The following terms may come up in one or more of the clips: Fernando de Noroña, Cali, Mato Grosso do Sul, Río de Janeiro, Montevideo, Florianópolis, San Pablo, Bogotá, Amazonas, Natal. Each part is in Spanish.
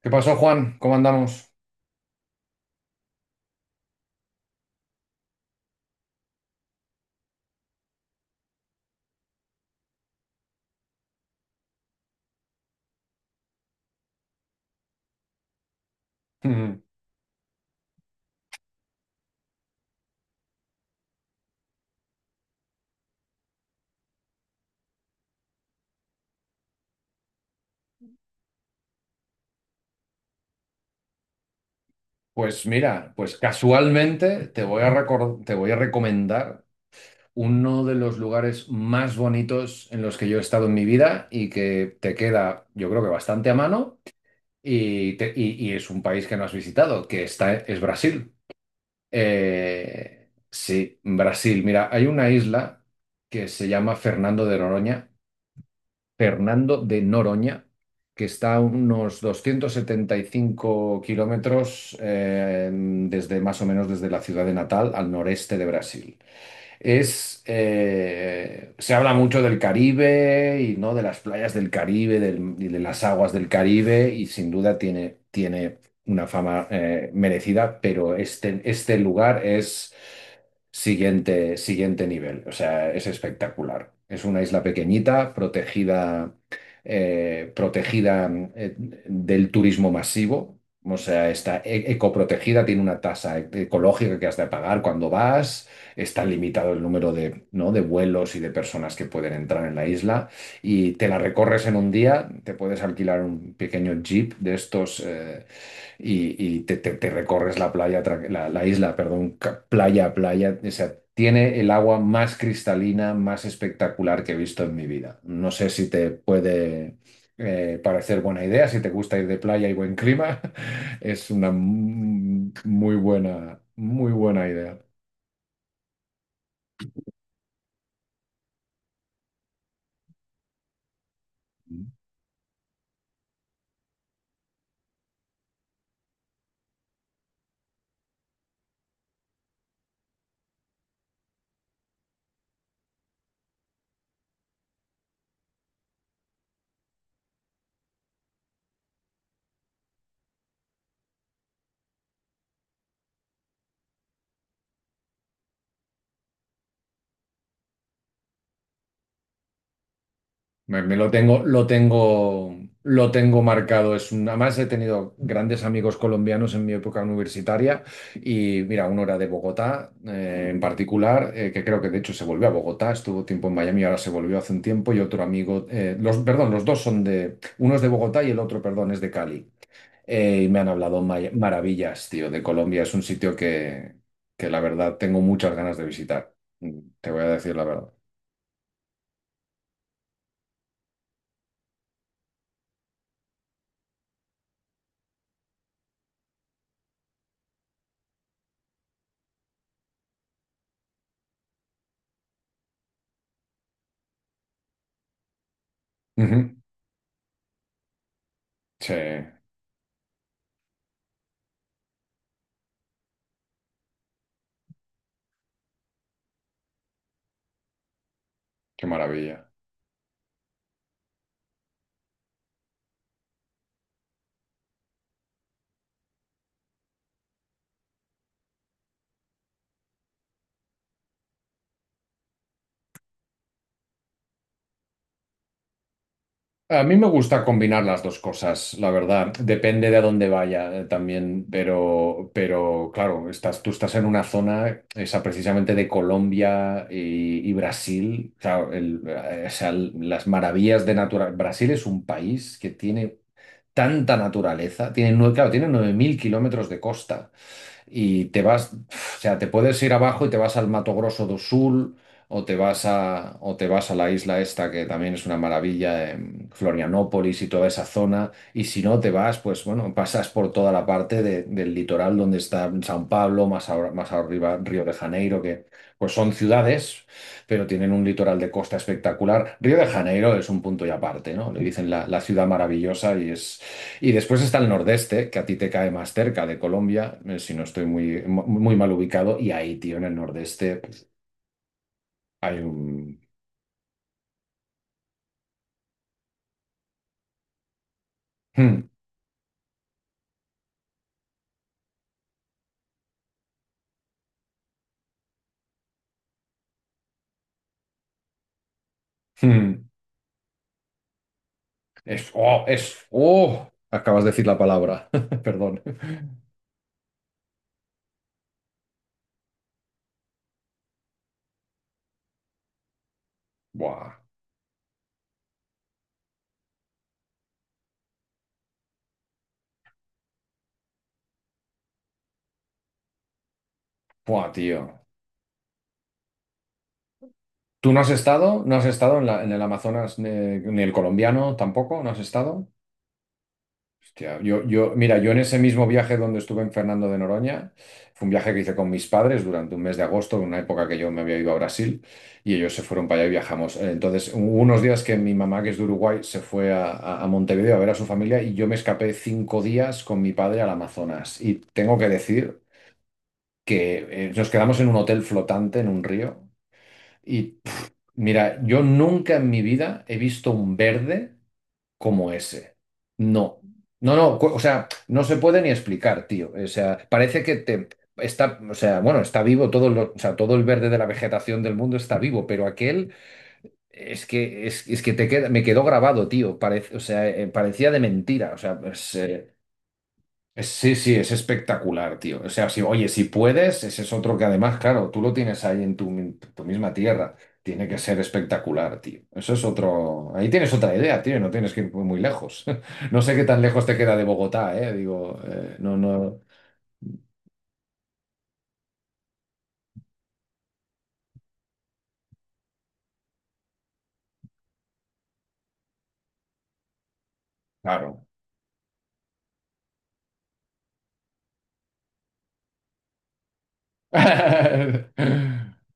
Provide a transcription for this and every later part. ¿Qué pasó, Juan? ¿Cómo andamos? Pues mira, casualmente te voy a recomendar uno de los lugares más bonitos en los que yo he estado en mi vida y que te queda, yo creo que bastante a mano y es un país que no has visitado, es Brasil. Sí, Brasil. Mira, hay una isla que se llama Fernando de Noroña, Fernando de Noroña, que está a unos 275 kilómetros desde más o menos desde la ciudad de Natal al noreste de Brasil. Se habla mucho del Caribe y, ¿no?, de las playas y de las aguas del Caribe, y sin duda tiene una fama merecida, pero este lugar es siguiente nivel, o sea, es espectacular. Es una isla pequeñita, protegida, protegida del turismo masivo. O sea, está ecoprotegida, tiene una tasa ecológica que has de pagar cuando vas. Está limitado el número de, ¿no?, de vuelos y de personas que pueden entrar en la isla, y te la recorres en un día. Te puedes alquilar un pequeño jeep de estos, y te recorres la isla, perdón, playa a playa. O sea, tiene el agua más cristalina, más espectacular que he visto en mi vida. No sé si te puede parecer buena idea. Si te gusta ir de playa y buen clima, es una muy buena idea. Me lo tengo, lo tengo, Lo tengo marcado. Además, he tenido grandes amigos colombianos en mi época universitaria, y mira, uno era de Bogotá, en particular, que creo que de hecho se volvió a Bogotá, estuvo tiempo en Miami, ahora se volvió hace un tiempo. Y otro amigo, los, perdón, los dos son de... uno es de Bogotá y el otro, perdón, es de Cali. Y me han hablado maravillas, tío, de Colombia. Es un sitio que la verdad tengo muchas ganas de visitar. Te voy a decir la verdad. Ujú. Sí, qué maravilla. A mí me gusta combinar las dos cosas, la verdad. Depende de a dónde vaya, también, pero claro, tú estás en una zona, esa precisamente, de Colombia y Brasil. Claro, o sea, las maravillas de naturaleza. Brasil es un país que tiene tanta naturaleza. Claro, tiene 9.000 kilómetros de costa. Y te vas, o sea, te puedes ir abajo y te vas al Mato Grosso do Sul, o te vas a la isla esta que también es una maravilla, Florianópolis y toda esa zona. Y si no, te vas, pues bueno, pasas por toda la parte del litoral donde está San Pablo, más, más arriba, Río de Janeiro, que pues son ciudades, pero tienen un litoral de costa espectacular. Río de Janeiro es un punto y aparte, ¿no? Le dicen la, la ciudad maravillosa, y es... Y después está el nordeste, que a ti te cae más cerca de Colombia, si no estoy muy mal ubicado. Y ahí, tío, en el nordeste hay un... Hmm, hmm. Es... ¡Oh! Es... ¡Oh! Acabas de decir la palabra. Perdón. Buah. Buah, tío. ¿Tú no has estado? ¿No has estado en en el Amazonas, ni el colombiano tampoco? ¿No has estado? Hostia, mira, yo en ese mismo viaje donde estuve en Fernando de Noroña, fue un viaje que hice con mis padres durante un mes de agosto, en una época que yo me había ido a Brasil, y ellos se fueron para allá y viajamos. Entonces, hubo unos días que mi mamá, que es de Uruguay, se fue a, a Montevideo a ver a su familia, y yo me escapé 5 días con mi padre al Amazonas. Y tengo que decir que nos quedamos en un hotel flotante en un río. Y mira, yo nunca en mi vida he visto un verde como ese. No, no, o sea, no se puede ni explicar, tío. O sea, parece que te o sea, bueno, está vivo todo o sea, todo el verde de la vegetación del mundo está vivo, pero aquel es que te queda, me quedó grabado, tío. Parece, o sea, parecía de mentira. O sea, pues, sí, sí, es espectacular, tío. O sea, si, oye, si puedes, ese es otro que además, claro, tú lo tienes ahí en tu misma tierra. Tiene que ser espectacular, tío. Eso es otro. Ahí tienes otra idea, tío. No tienes que ir muy muy lejos. No sé qué tan lejos te queda de Bogotá, eh. Digo, no, no. Claro.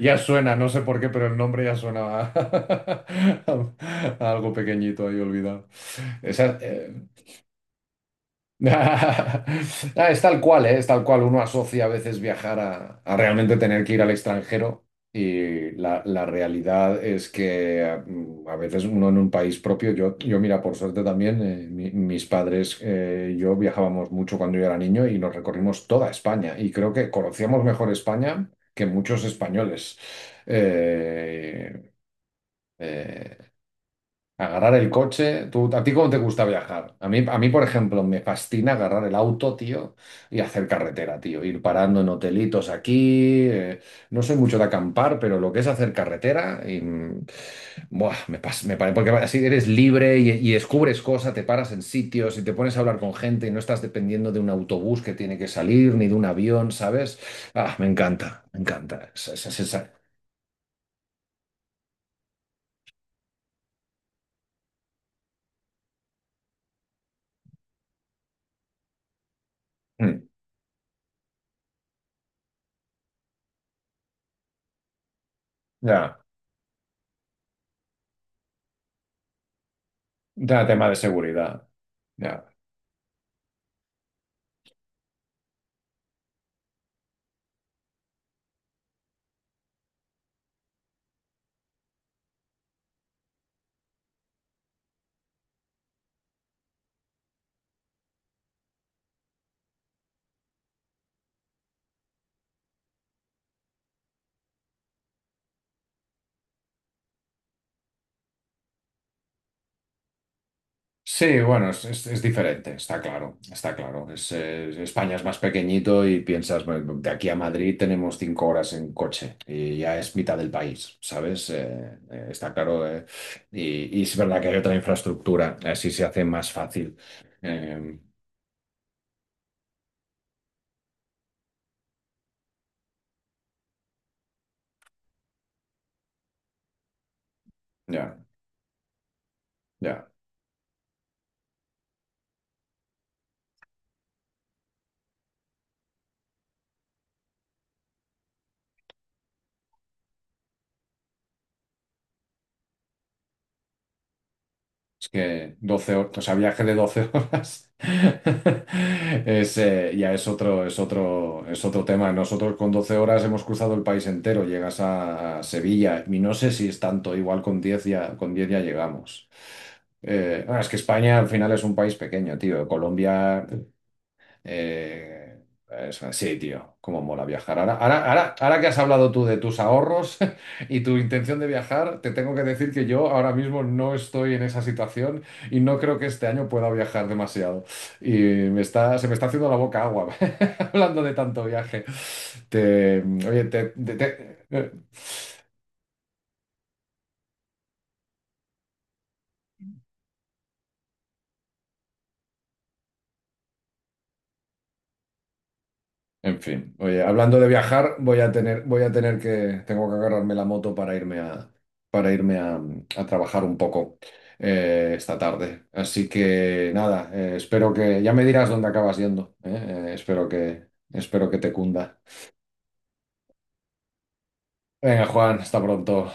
Ya suena, no sé por qué, pero el nombre ya suena a, a algo pequeñito ahí olvidado. Esa, eh, Ah, es tal cual, ¿eh? Es tal cual. Uno asocia a veces viajar a realmente tener que ir al extranjero, y la realidad es que, a veces uno en un país propio, yo mira, por suerte también, mis padres y yo viajábamos mucho cuando yo era niño y nos recorrimos toda España, y creo que conocíamos mejor España que muchos españoles. Eh, eh, Agarrar el coche. ¿Tú, a ti cómo te gusta viajar? A mí, por ejemplo, me fascina agarrar el auto, tío, y hacer carretera, tío. Ir parando en hotelitos aquí. No soy mucho de acampar, pero lo que es hacer carretera, buah, me pas- me pare- porque así eres libre y descubres cosas, te paras en sitios y te pones a hablar con gente y no estás dependiendo de un autobús que tiene que salir ni de un avión, ¿sabes? Ah, me encanta, me encanta. Mm, ya, ya, tema de seguridad. Ya. Sí, bueno, es diferente, está claro, está claro. España es más pequeñito y piensas, bueno, de aquí a Madrid tenemos 5 horas en coche y ya es mitad del país, ¿sabes? Está claro. Y es verdad que hay otra infraestructura, así se hace más fácil. Eh, ya, ya. Es que 12 horas, o sea, viaje de 12 horas es, ya es otro, es otro tema. Nosotros con 12 horas hemos cruzado el país entero, llegas a Sevilla y no sé si es tanto, igual con 10 ya, con 10 ya llegamos. Es que España al final es un país pequeño, tío. Colombia eh, Eso, sí, tío, cómo mola viajar. Ahora que has hablado tú de tus ahorros y tu intención de viajar, te tengo que decir que yo ahora mismo no estoy en esa situación, y no creo que este año pueda viajar demasiado. Se me está haciendo la boca agua hablando de tanto viaje. Te, oye, te- te- En fin, oye, hablando de viajar, voy a tener que... Tengo que agarrarme la moto para irme a trabajar un poco esta tarde. Así que nada, espero que... Ya me dirás dónde acabas yendo, ¿eh? Eh, espero que, Espero que te cunda. Venga, Juan, hasta pronto.